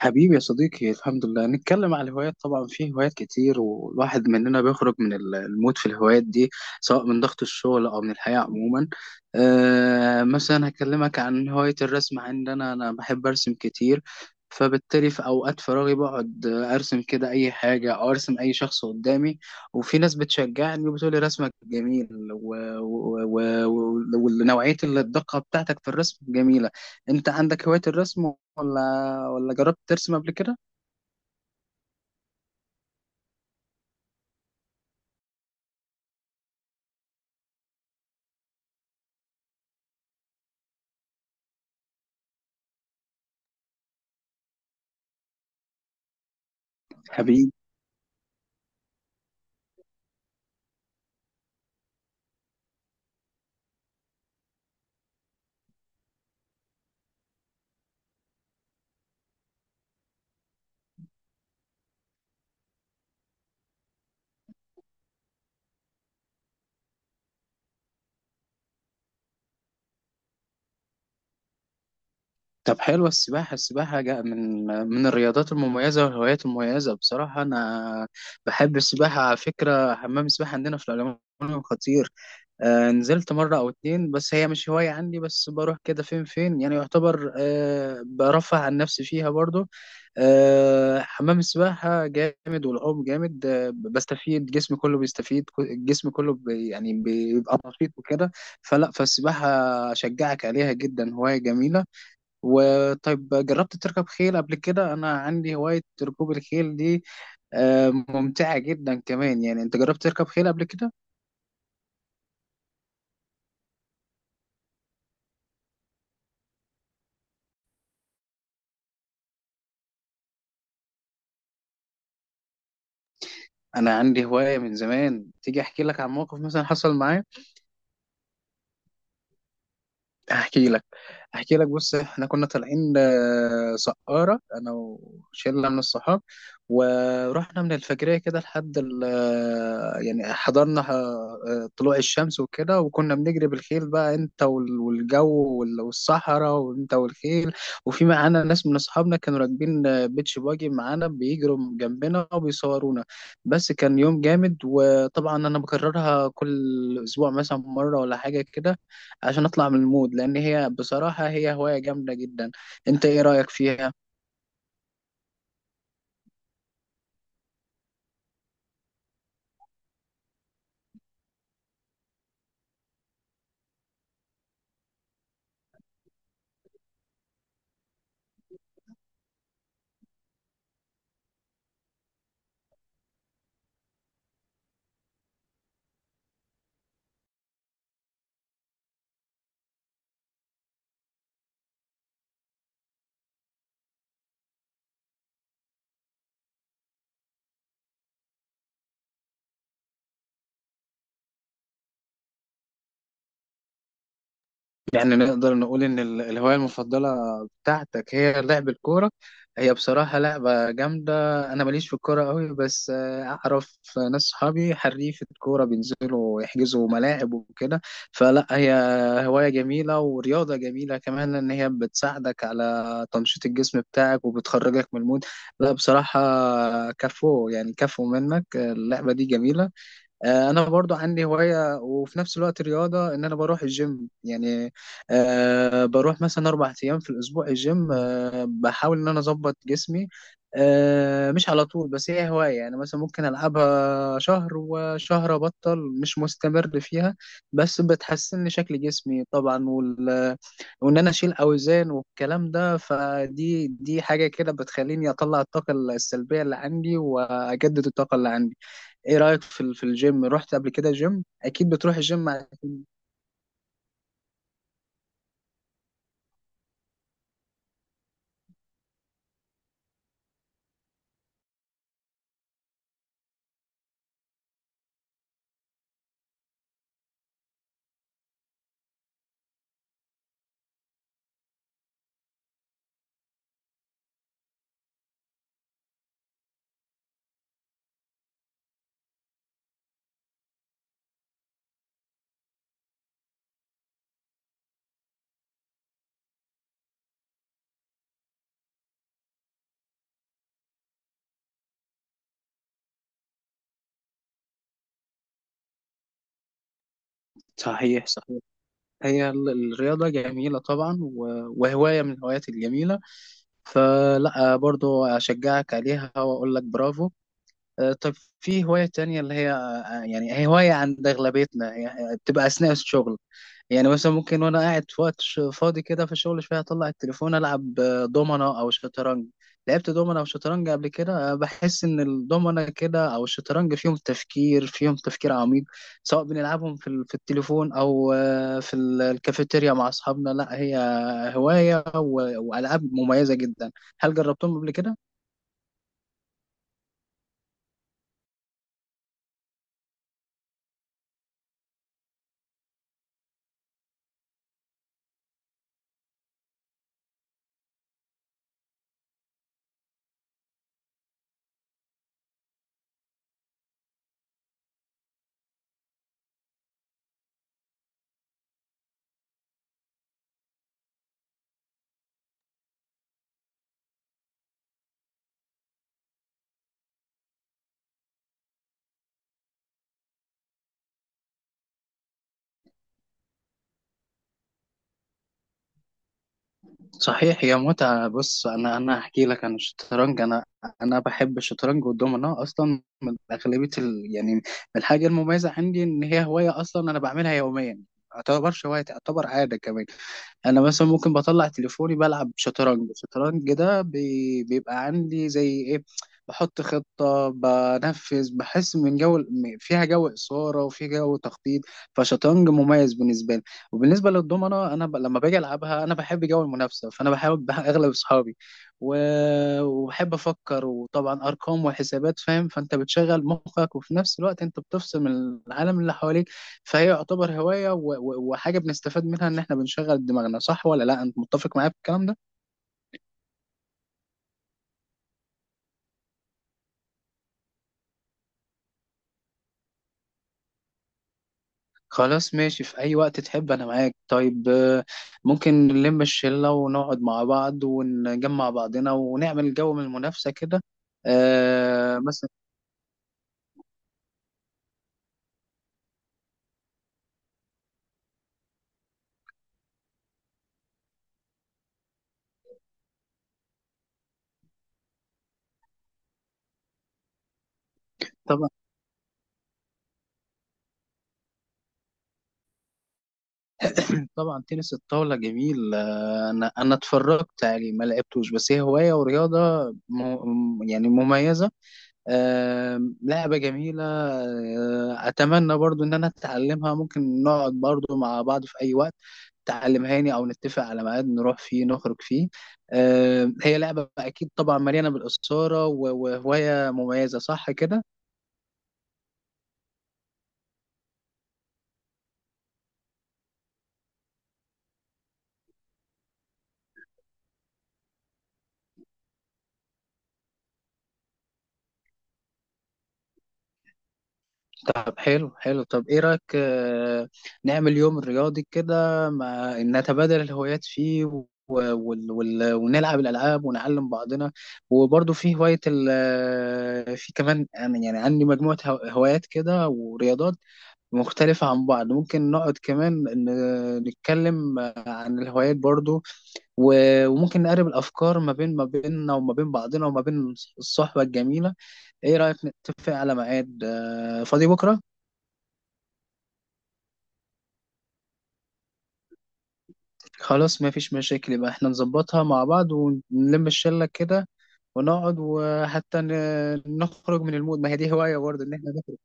حبيبي يا صديقي، الحمد لله نتكلم على الهوايات. طبعا في هوايات كتير، والواحد مننا بيخرج من المود في الهوايات دي سواء من ضغط الشغل او من الحياة عموما. مثلا هكلمك عن هواية الرسم عندنا، انا بحب ارسم كتير، فبالتالي في اوقات فراغي بقعد ارسم كده اي حاجة، او ارسم اي شخص قدامي. وفي ناس بتشجعني وبتقولي رسمك جميل، ونوعية ونوعية الدقة بتاعتك في الرسم جميلة. انت عندك هواية الرسم، ولا ولا جربت ترسم قبل كده؟ حبيبي. طب حلوة السباحة، السباحة من الرياضات المميزة والهوايات المميزة. بصراحة أنا بحب السباحة على فكرة، حمام السباحة عندنا في العلمانية خطير. آه، نزلت مرة أو اتنين، بس هي مش هواية عندي، بس بروح كده فين فين، يعني يعتبر برفع عن نفسي فيها برضو. آه، حمام السباحة جامد والعوم جامد، آه، بستفيد جسمي كله بيستفيد، الجسم كله يعني بيبقى نشيط وكده. فالسباحة أشجعك عليها جدا، هواية جميلة. وطيب، جربت تركب خيل قبل كده؟ أنا عندي هواية ركوب الخيل دي، آه، ممتعة جدا كمان. يعني أنت جربت تركب خيل قبل كده؟ انا عندي هواية من زمان، تيجي احكي لك عن موقف مثلا حصل معايا؟ احكي لك، احكي لك. بص، احنا كنا طالعين سقارة، انا وشلة من الصحاب، ورحنا من الفجرية كده لحد يعني حضرنا طلوع الشمس وكده، وكنا بنجري بالخيل بقى، انت والجو والصحراء، وانت والخيل. وفي معانا ناس من اصحابنا كانوا راكبين بيتش باجي معانا، بيجروا جنبنا وبيصورونا. بس كان يوم جامد، وطبعا انا بكررها كل اسبوع مثلا مرة ولا حاجة كده عشان اطلع من المود، لان هي بصراحة هي هواية جامدة جدا. انت ايه رأيك فيها؟ يعني نقدر نقول ان الهواية المفضلة بتاعتك هي لعب الكورة. هي بصراحة لعبة جامدة، انا ماليش في الكورة قوي، بس اعرف ناس صحابي حريفة كورة بينزلوا يحجزوا ملاعب وكده. فلا، هي هواية جميلة ورياضة جميلة كمان، ان هي بتساعدك على تنشيط الجسم بتاعك وبتخرجك من المود. لا بصراحة، كفو يعني، كفو منك، اللعبة دي جميلة. آه، انا برضو عندي هواية وفي نفس الوقت رياضة، ان انا بروح الجيم يعني. أه، بروح مثلا اربع ايام في الاسبوع الجيم، أه، بحاول ان انا اظبط جسمي. أه، مش على طول، بس هي هواية يعني، مثلا ممكن العبها شهر وشهر ابطل، مش مستمر فيها. بس بتحسن لي شكل جسمي طبعا، وان انا اشيل اوزان والكلام ده، دي حاجة كده بتخليني اطلع الطاقة السلبية اللي عندي واجدد الطاقة اللي عندي. ايه رأيك في في الجيم؟ رحت قبل كده جيم؟ اكيد بتروح الجيم صحيح، صحيح. هي الرياضة جميلة طبعا، وهواية من الهوايات الجميلة، فلا برضو اشجعك عليها واقول لك برافو. آه، طب، في هواية تانية اللي هي، آه، يعني هي هواية عند اغلبيتنا، هي بتبقى اثناء الشغل. يعني مثلا ممكن وانا قاعد في وقت فاضي كده في الشغل شويه، اطلع التليفون العب، آه، دومنه او شطرنج. لعبت دومنه او شطرنج قبل كده؟ آه، بحس ان الدومنه كده او الشطرنج فيهم تفكير، فيهم تفكير عميق، سواء بنلعبهم في في التليفون او في الكافيتيريا مع اصحابنا. لا هي هوايه والعاب مميزه جدا. هل جربتهم قبل كده؟ صحيح، هي متعة. بص أنا، هحكي لك عن الشطرنج. أنا أنا بحب الشطرنج والدومينو أصلا، من أغلبية يعني من الحاجة المميزة عندي إن هي هواية أصلا أنا بعملها يوميا، ما تعتبرش هواية، تعتبر عادة كمان. انا مثلا ممكن بطلع تليفوني بلعب شطرنج، الشطرنج ده بيبقى عندي زي ايه، بحط خطة بنفذ، بحس من جو فيها جو إثارة وفيها جو تخطيط. فشطرنج مميز بالنسبة لي. وبالنسبة للضمنة، أنا لما باجي ألعبها أنا بحب جو المنافسة، فأنا بحاول أغلب أصحابي. و... وبحب أفكر، وطبعا أرقام وحسابات، فاهم؟ فأنت بتشغل مخك، وفي نفس الوقت أنت بتفصل من العالم اللي حواليك. فهي يعتبر هواية وحاجة بنستفاد منها، إن إحنا بنشغل دماغنا. صح ولا لأ؟ أنت متفق معايا في الكلام ده؟ خلاص، ماشي، في أي وقت تحب أنا معاك. طيب، آه، ممكن نلم الشلة ونقعد مع بعض ونجمع بعضنا ونعمل جو من المنافسة كده، آه، مثلا. طبعا. طبعا تنس الطاولة جميل، آه، أنا أنا اتفرجت عليه، ما لعبتوش، بس هي هواية ورياضة يعني مميزة. آم، لعبة جميلة، آه، أتمنى برضو إن أنا أتعلمها، ممكن نقعد برضو مع بعض في أي وقت تعلمهاني، أو نتفق على ميعاد نروح فيه نخرج فيه. آم، هي لعبة أكيد طبعا مليانة بالإثارة، وهواية مميزة، صح كده؟ طب حلو، حلو. طب ايه رأيك، آه، نعمل يوم رياضي كده، ما نتبادل الهوايات فيه، ونلعب الألعاب ونعلم بعضنا. وبرضه في هواية ال... آه، في كمان يعني عندي مجموعة هوايات كده ورياضات مختلفة عن بعض، ممكن نقعد كمان نتكلم عن الهوايات برضو، وممكن نقرب الأفكار ما بين، ما بيننا وما بين بعضنا وما بين الصحبة الجميلة. إيه رأيك نتفق على ميعاد، آه، فاضي بكرة؟ خلاص، مفيش مشاكل، يبقى احنا نظبطها مع بعض ونلم الشلة كده ونقعد، وحتى نخرج من المود، ما هي دي هواية برضه ان احنا نخرج.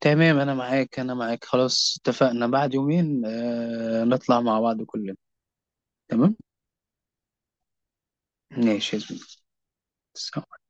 تمام، انا معاك، انا معاك، خلاص، اتفقنا بعد يومين اه نطلع مع بعض كلنا. تمام. ماشي يا زميلي.